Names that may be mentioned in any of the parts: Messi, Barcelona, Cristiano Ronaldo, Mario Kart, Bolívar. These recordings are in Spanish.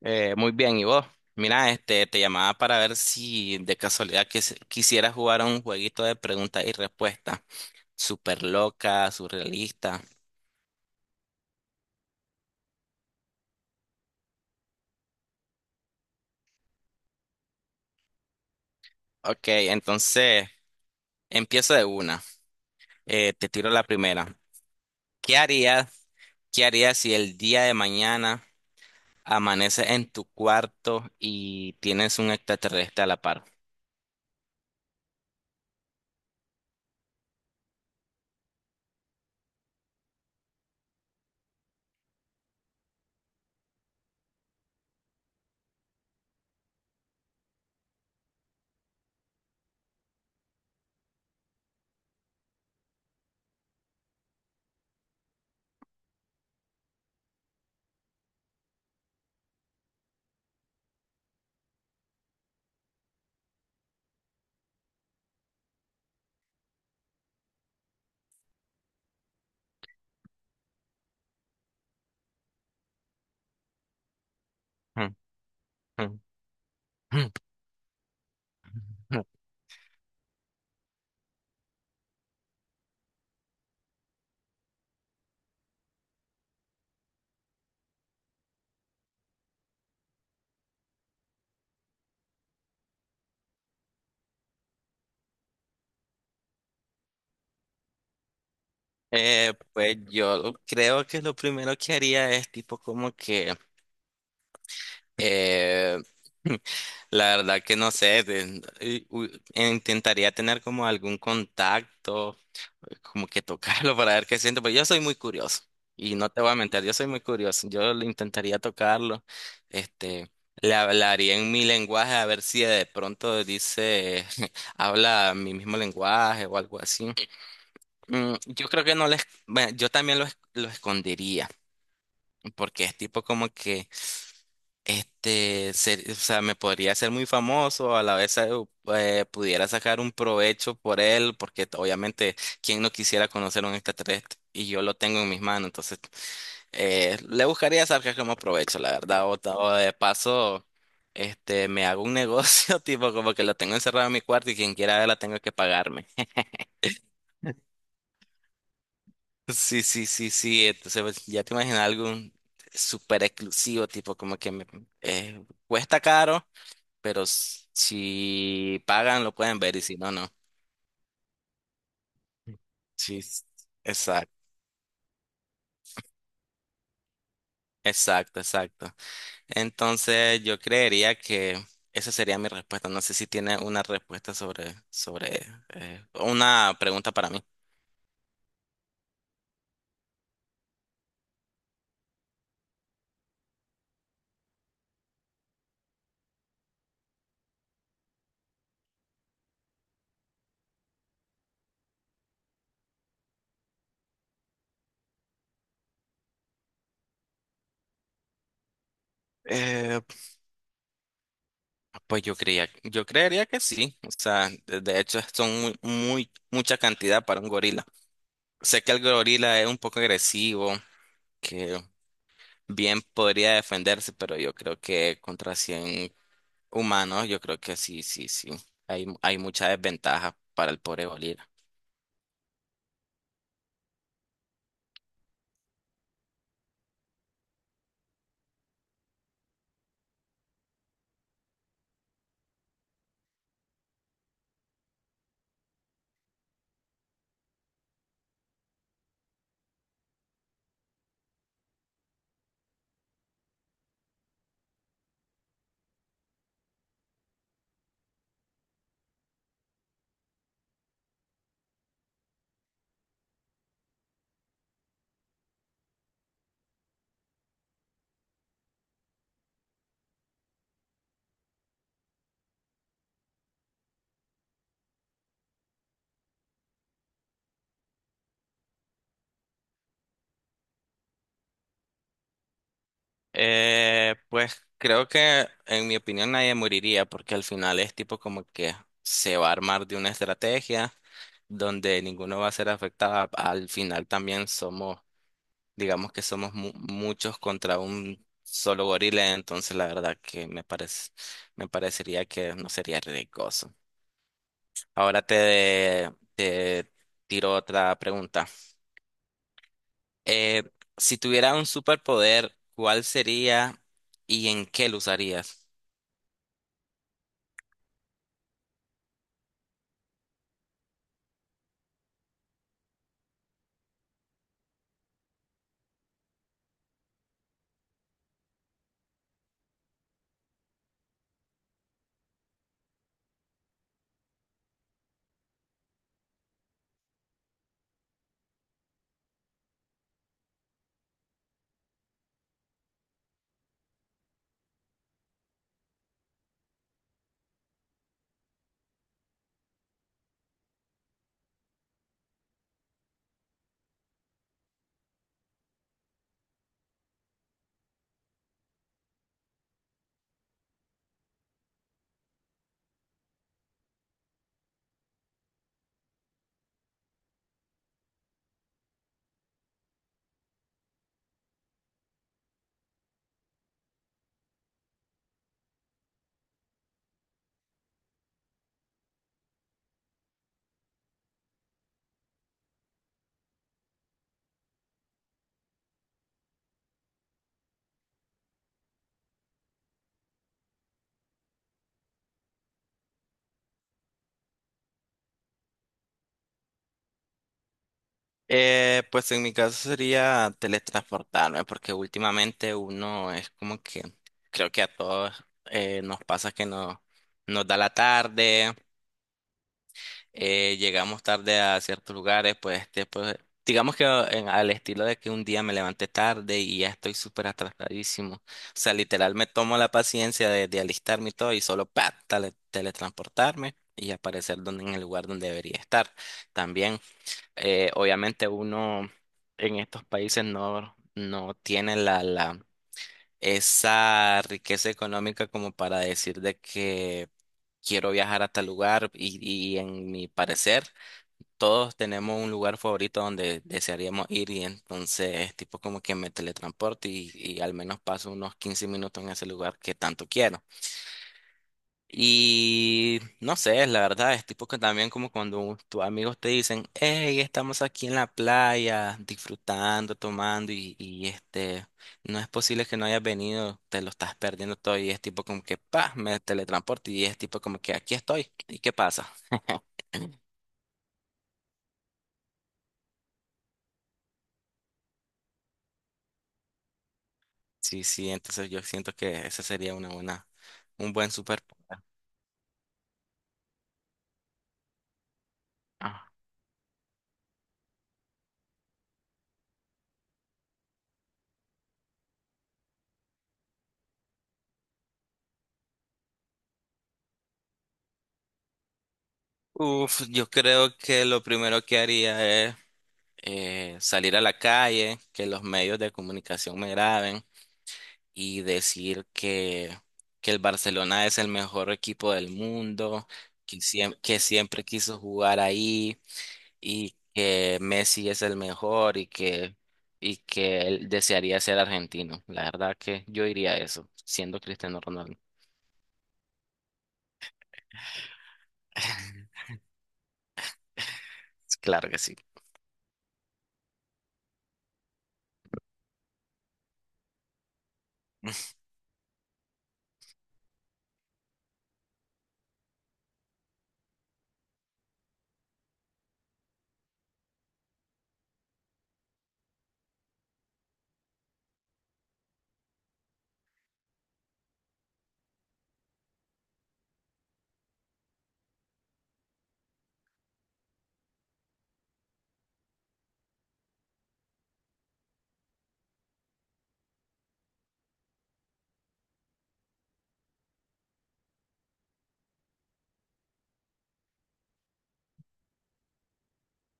Muy bien, ¿y vos? Mira, este, te llamaba para ver si de casualidad quisieras jugar a un jueguito de preguntas y respuestas. Súper loca, surrealista. Ok, entonces empiezo de una. Te tiro la primera. ¿Qué harías, qué harías si el día de mañana amaneces en tu cuarto y tienes un extraterrestre a la par? Pues yo creo que lo primero que haría es tipo como que... Eh, la verdad que no sé, intentaría tener como algún contacto, como que tocarlo para ver qué siento, pero yo soy muy curioso y no te voy a mentir, yo soy muy curioso, yo le intentaría tocarlo, este, le hablaría en mi lenguaje a ver si de pronto dice, habla mi mismo lenguaje o algo así. Yo creo que no les, bueno, yo también lo, lo escondería, porque es tipo como que... Este, o sea, me podría ser muy famoso, a la vez pudiera sacar un provecho por él, porque obviamente, ¿quién no quisiera conocer un extraterrestre? Y yo lo tengo en mis manos, entonces le buscaría sacar como provecho, la verdad, o de paso, este, me hago un negocio, tipo como que lo tengo encerrado en mi cuarto y quien quiera verla tengo que pagarme. Sí, sí, sí, sí. Entonces, pues, ya te imaginas algo súper exclusivo, tipo como que me, cuesta caro, pero si pagan lo pueden ver y si no, no. Sí, exacto, exacto, exacto. Entonces yo creería que esa sería mi respuesta. No sé si tiene una respuesta sobre, sobre una pregunta para mí. Eh, pues yo creía, yo creería que sí. O sea, de hecho son muy, muy, mucha cantidad para un gorila. Sé que el gorila es un poco agresivo, que bien podría defenderse, pero yo creo que contra 100 humanos, yo creo que sí, sí, sí. Hay mucha desventaja para el pobre Bolívar. Pues creo que en mi opinión nadie moriría porque al final es tipo como que se va a armar de una estrategia donde ninguno va a ser afectado. Al final también somos, digamos que somos muchos contra un solo gorila, entonces la verdad que me parece, me parecería que no sería riesgoso. Ahora te, te tiro otra pregunta. Eh, si tuviera un superpoder, ¿cuál sería y en qué lo usarías? Pues en mi caso sería teletransportarme, porque últimamente uno es como que creo que a todos nos pasa que no, nos da la tarde, llegamos tarde a ciertos lugares, pues, este, pues, digamos que al estilo de que un día me levanté tarde y ya estoy súper atrasadísimo. O sea, literal me tomo la paciencia de alistarme y todo y solo pa, teletransportarme y aparecer donde, en el lugar donde debería estar. También, obviamente uno en estos países no, no tiene la, la, esa riqueza económica como para decir de que quiero viajar a tal lugar y en mi parecer todos tenemos un lugar favorito donde desearíamos ir y entonces tipo como que me teletransporto y al menos paso unos 15 minutos en ese lugar que tanto quiero. Y no sé, la verdad es tipo que también como cuando tus amigos te dicen, hey, estamos aquí en la playa disfrutando, tomando y este, no es posible que no hayas venido, te lo estás perdiendo todo y es tipo como que, pa, me teletransporto y es tipo como que aquí estoy. ¿Y qué pasa? Sí, sí, entonces yo siento que ese sería una buena, un buen superpoder. Ah. Uf, yo creo que lo primero que haría es salir a la calle, que los medios de comunicación me graben y decir que el Barcelona es el mejor equipo del mundo, que, que siempre quiso jugar ahí y que Messi es el mejor y que él desearía ser argentino. La verdad que yo diría eso, siendo Cristiano Ronaldo. Claro que sí.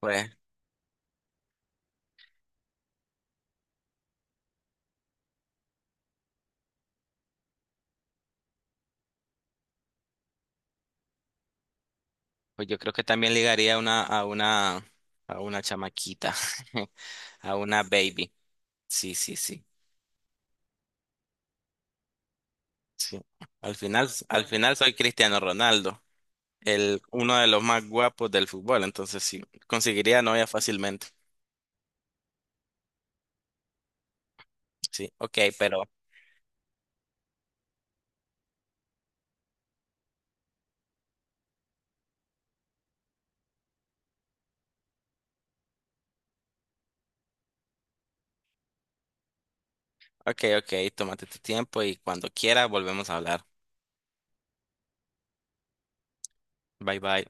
Pues, pues yo creo que también ligaría una, a una, a una chamaquita, a una baby. Sí, sí, sí. Sí. Al final soy Cristiano Ronaldo, el, uno de los más guapos del fútbol, entonces sí, conseguiría novia fácilmente. Sí, ok, pero, ok, ok, tómate tu tiempo y cuando quiera volvemos a hablar. Bye, bye.